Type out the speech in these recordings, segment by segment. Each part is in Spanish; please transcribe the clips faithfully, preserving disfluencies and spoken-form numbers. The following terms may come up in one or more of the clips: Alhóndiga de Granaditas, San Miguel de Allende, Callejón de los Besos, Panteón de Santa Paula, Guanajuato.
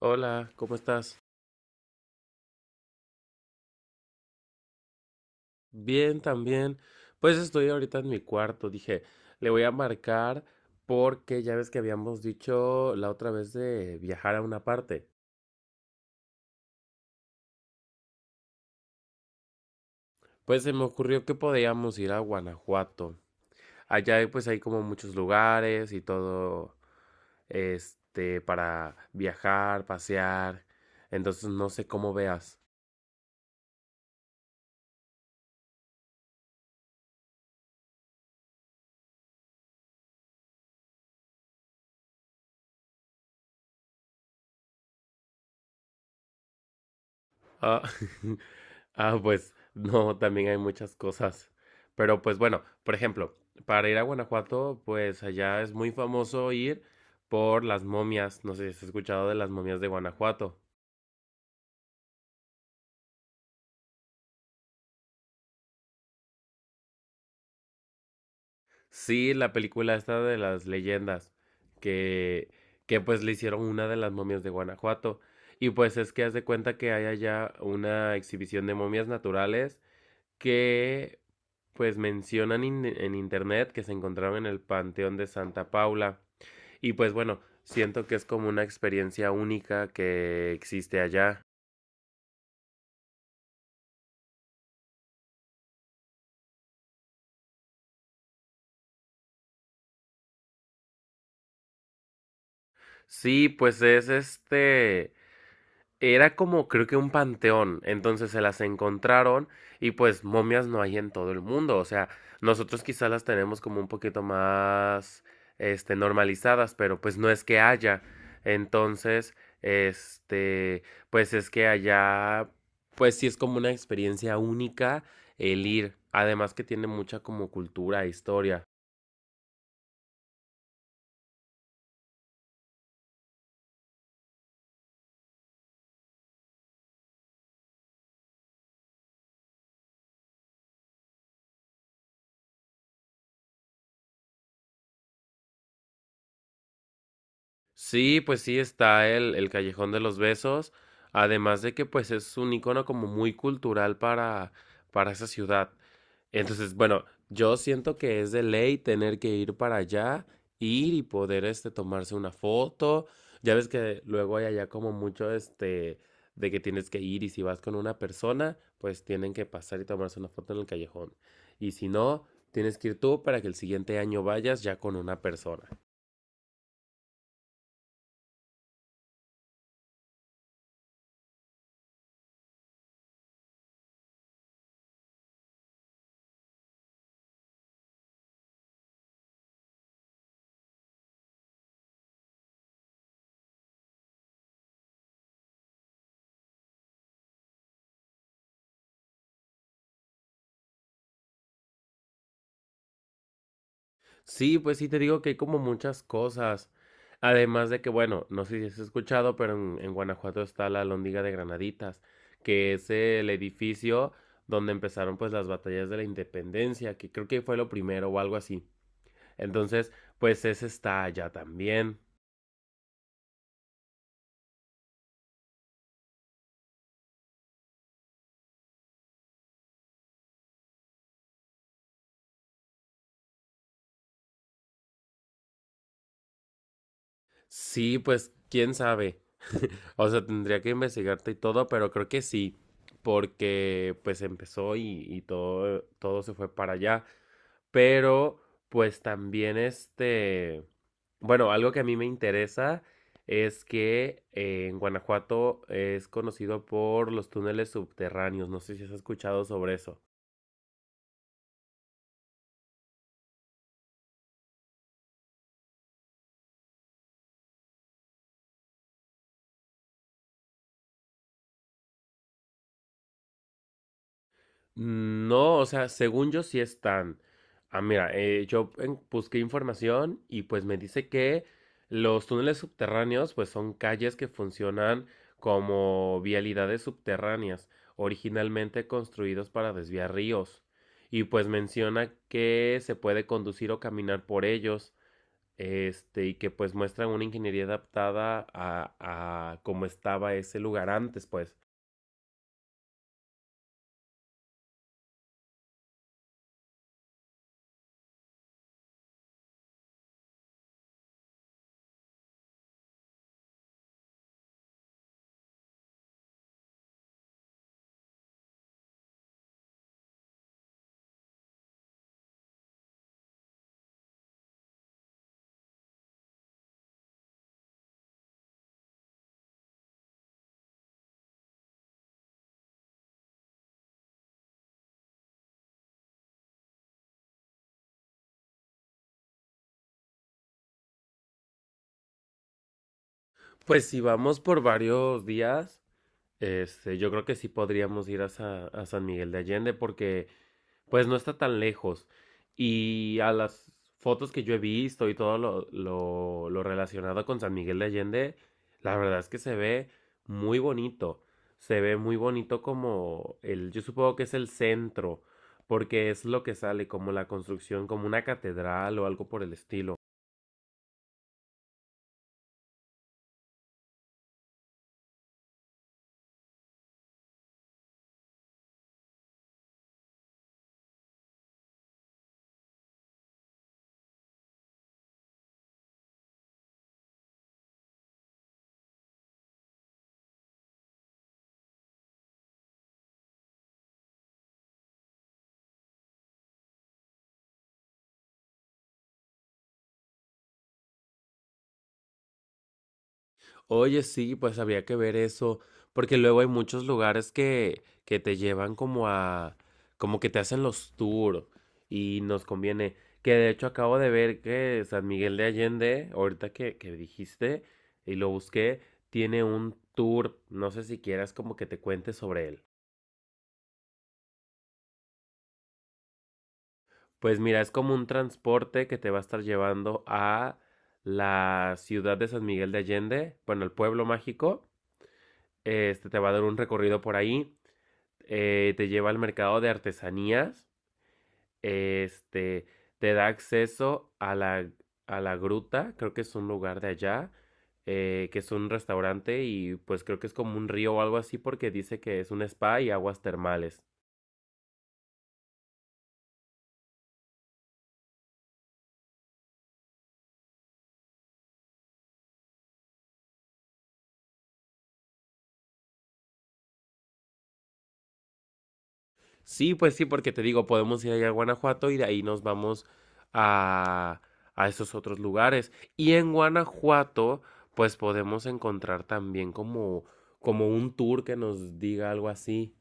Hola, ¿cómo estás? Bien, también. Pues estoy ahorita en mi cuarto. Dije, le voy a marcar porque ya ves que habíamos dicho la otra vez de viajar a una parte. Pues se me ocurrió que podíamos ir a Guanajuato. Allá eh, pues hay como muchos lugares y todo este para viajar, pasear. Entonces no sé cómo veas. Ah, ah, pues no, también hay muchas cosas. Pero pues bueno, por ejemplo, para ir a Guanajuato, pues allá es muy famoso ir por las momias. No sé si has escuchado de las momias de Guanajuato. Sí, la película esta de las leyendas, que, que pues le hicieron una de las momias de Guanajuato. Y pues es que haz de cuenta que hay allá una exhibición de momias naturales que pues mencionan in- en internet que se encontraron en el Panteón de Santa Paula. Y pues bueno, siento que es como una experiencia única que existe allá. Sí, pues es este era como creo que un panteón, entonces se las encontraron y pues momias no hay en todo el mundo, o sea, nosotros quizás las tenemos como un poquito más este normalizadas, pero pues no es que haya. Entonces, este, pues es que allá pues sí es como una experiencia única el ir, además que tiene mucha como cultura, e historia. Sí, pues sí está el, el Callejón de los Besos, además de que pues es un icono como muy cultural para, para esa ciudad. Entonces, bueno, yo siento que es de ley tener que ir para allá, ir y poder este tomarse una foto. Ya ves que luego hay allá como mucho este de que tienes que ir y si vas con una persona, pues tienen que pasar y tomarse una foto en el callejón. Y si no, tienes que ir tú para que el siguiente año vayas ya con una persona. Sí, pues sí, te digo que hay como muchas cosas. Además de que, bueno, no sé si has escuchado, pero en, en Guanajuato está la Alhóndiga de Granaditas, que es el edificio donde empezaron pues las batallas de la independencia, que creo que fue lo primero o algo así. Entonces, pues ese está allá también. Sí, pues quién sabe. O sea, tendría que investigarte y todo, pero creo que sí, porque pues empezó y, y todo, todo se fue para allá. Pero pues también este, bueno, algo que a mí me interesa es que eh, en Guanajuato es conocido por los túneles subterráneos. No sé si has escuchado sobre eso. No, o sea, según yo sí están. Ah, mira, eh, yo en- busqué información y pues me dice que los túneles subterráneos pues son calles que funcionan como vialidades subterráneas, originalmente construidos para desviar ríos. Y pues menciona que se puede conducir o caminar por ellos, este, y que pues muestran una ingeniería adaptada a, a cómo estaba ese lugar antes, pues. Pues si vamos por varios días. Este, yo creo que sí podríamos ir a, Sa- a San Miguel de Allende porque pues no está tan lejos. Y a las fotos que yo he visto y todo lo, lo, lo relacionado con San Miguel de Allende, la verdad es que se ve muy bonito. Se ve muy bonito como el, yo supongo que es el centro, porque es lo que sale, como la construcción, como una catedral o algo por el estilo. Oye, sí, pues habría que ver eso, porque luego hay muchos lugares que, que te llevan como a, como que te hacen los tours y nos conviene. Que de hecho acabo de ver que San Miguel de Allende, ahorita que, que dijiste y lo busqué, tiene un tour. No sé si quieras como que te cuente sobre él. Pues mira, es como un transporte que te va a estar llevando a la ciudad de San Miguel de Allende, bueno, el pueblo mágico. Este te va a dar un recorrido por ahí. Eh, te lleva al mercado de artesanías, este, te da acceso a la, a la gruta, creo que es un lugar de allá, eh, que es un restaurante y pues creo que es como un río o algo así porque dice que es un spa y aguas termales. Sí, pues sí, porque te digo, podemos ir allá a Guanajuato y de ahí nos vamos a, a esos otros lugares. Y en Guanajuato, pues podemos encontrar también como, como un tour que nos diga algo así.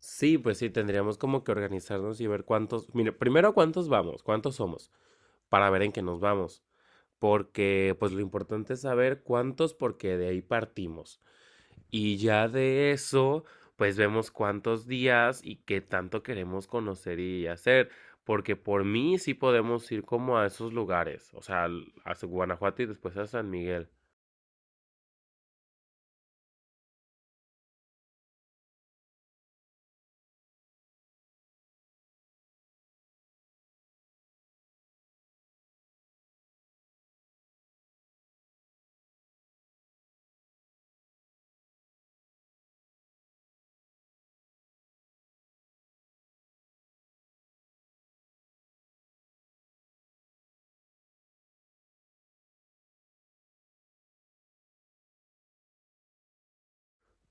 Sí, pues sí, tendríamos como que organizarnos y ver cuántos, mire, primero cuántos vamos, cuántos somos, para ver en qué nos vamos, porque pues lo importante es saber cuántos porque de ahí partimos. Y ya de eso, pues vemos cuántos días y qué tanto queremos conocer y hacer, porque por mí sí podemos ir como a esos lugares, o sea, al- a Guanajuato y después a San Miguel.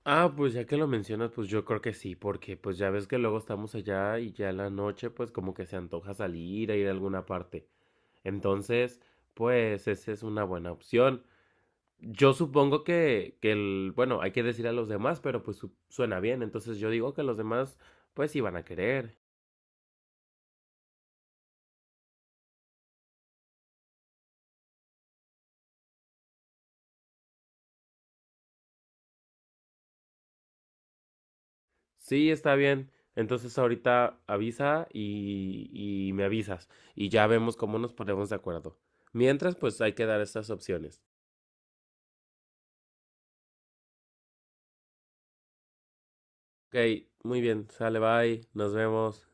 Ah, pues ya que lo mencionas, pues yo creo que sí, porque pues ya ves que luego estamos allá y ya en la noche pues como que se antoja salir a ir a alguna parte. Entonces, pues esa es una buena opción. Yo supongo que, que el, bueno, hay que decir a los demás, pero pues su- suena bien. Entonces yo digo que los demás pues sí van a querer. Sí, está bien. Entonces ahorita avisa y, y me avisas y ya vemos cómo nos ponemos de acuerdo. Mientras, pues hay que dar estas opciones. Ok, muy bien, sale, bye, nos vemos.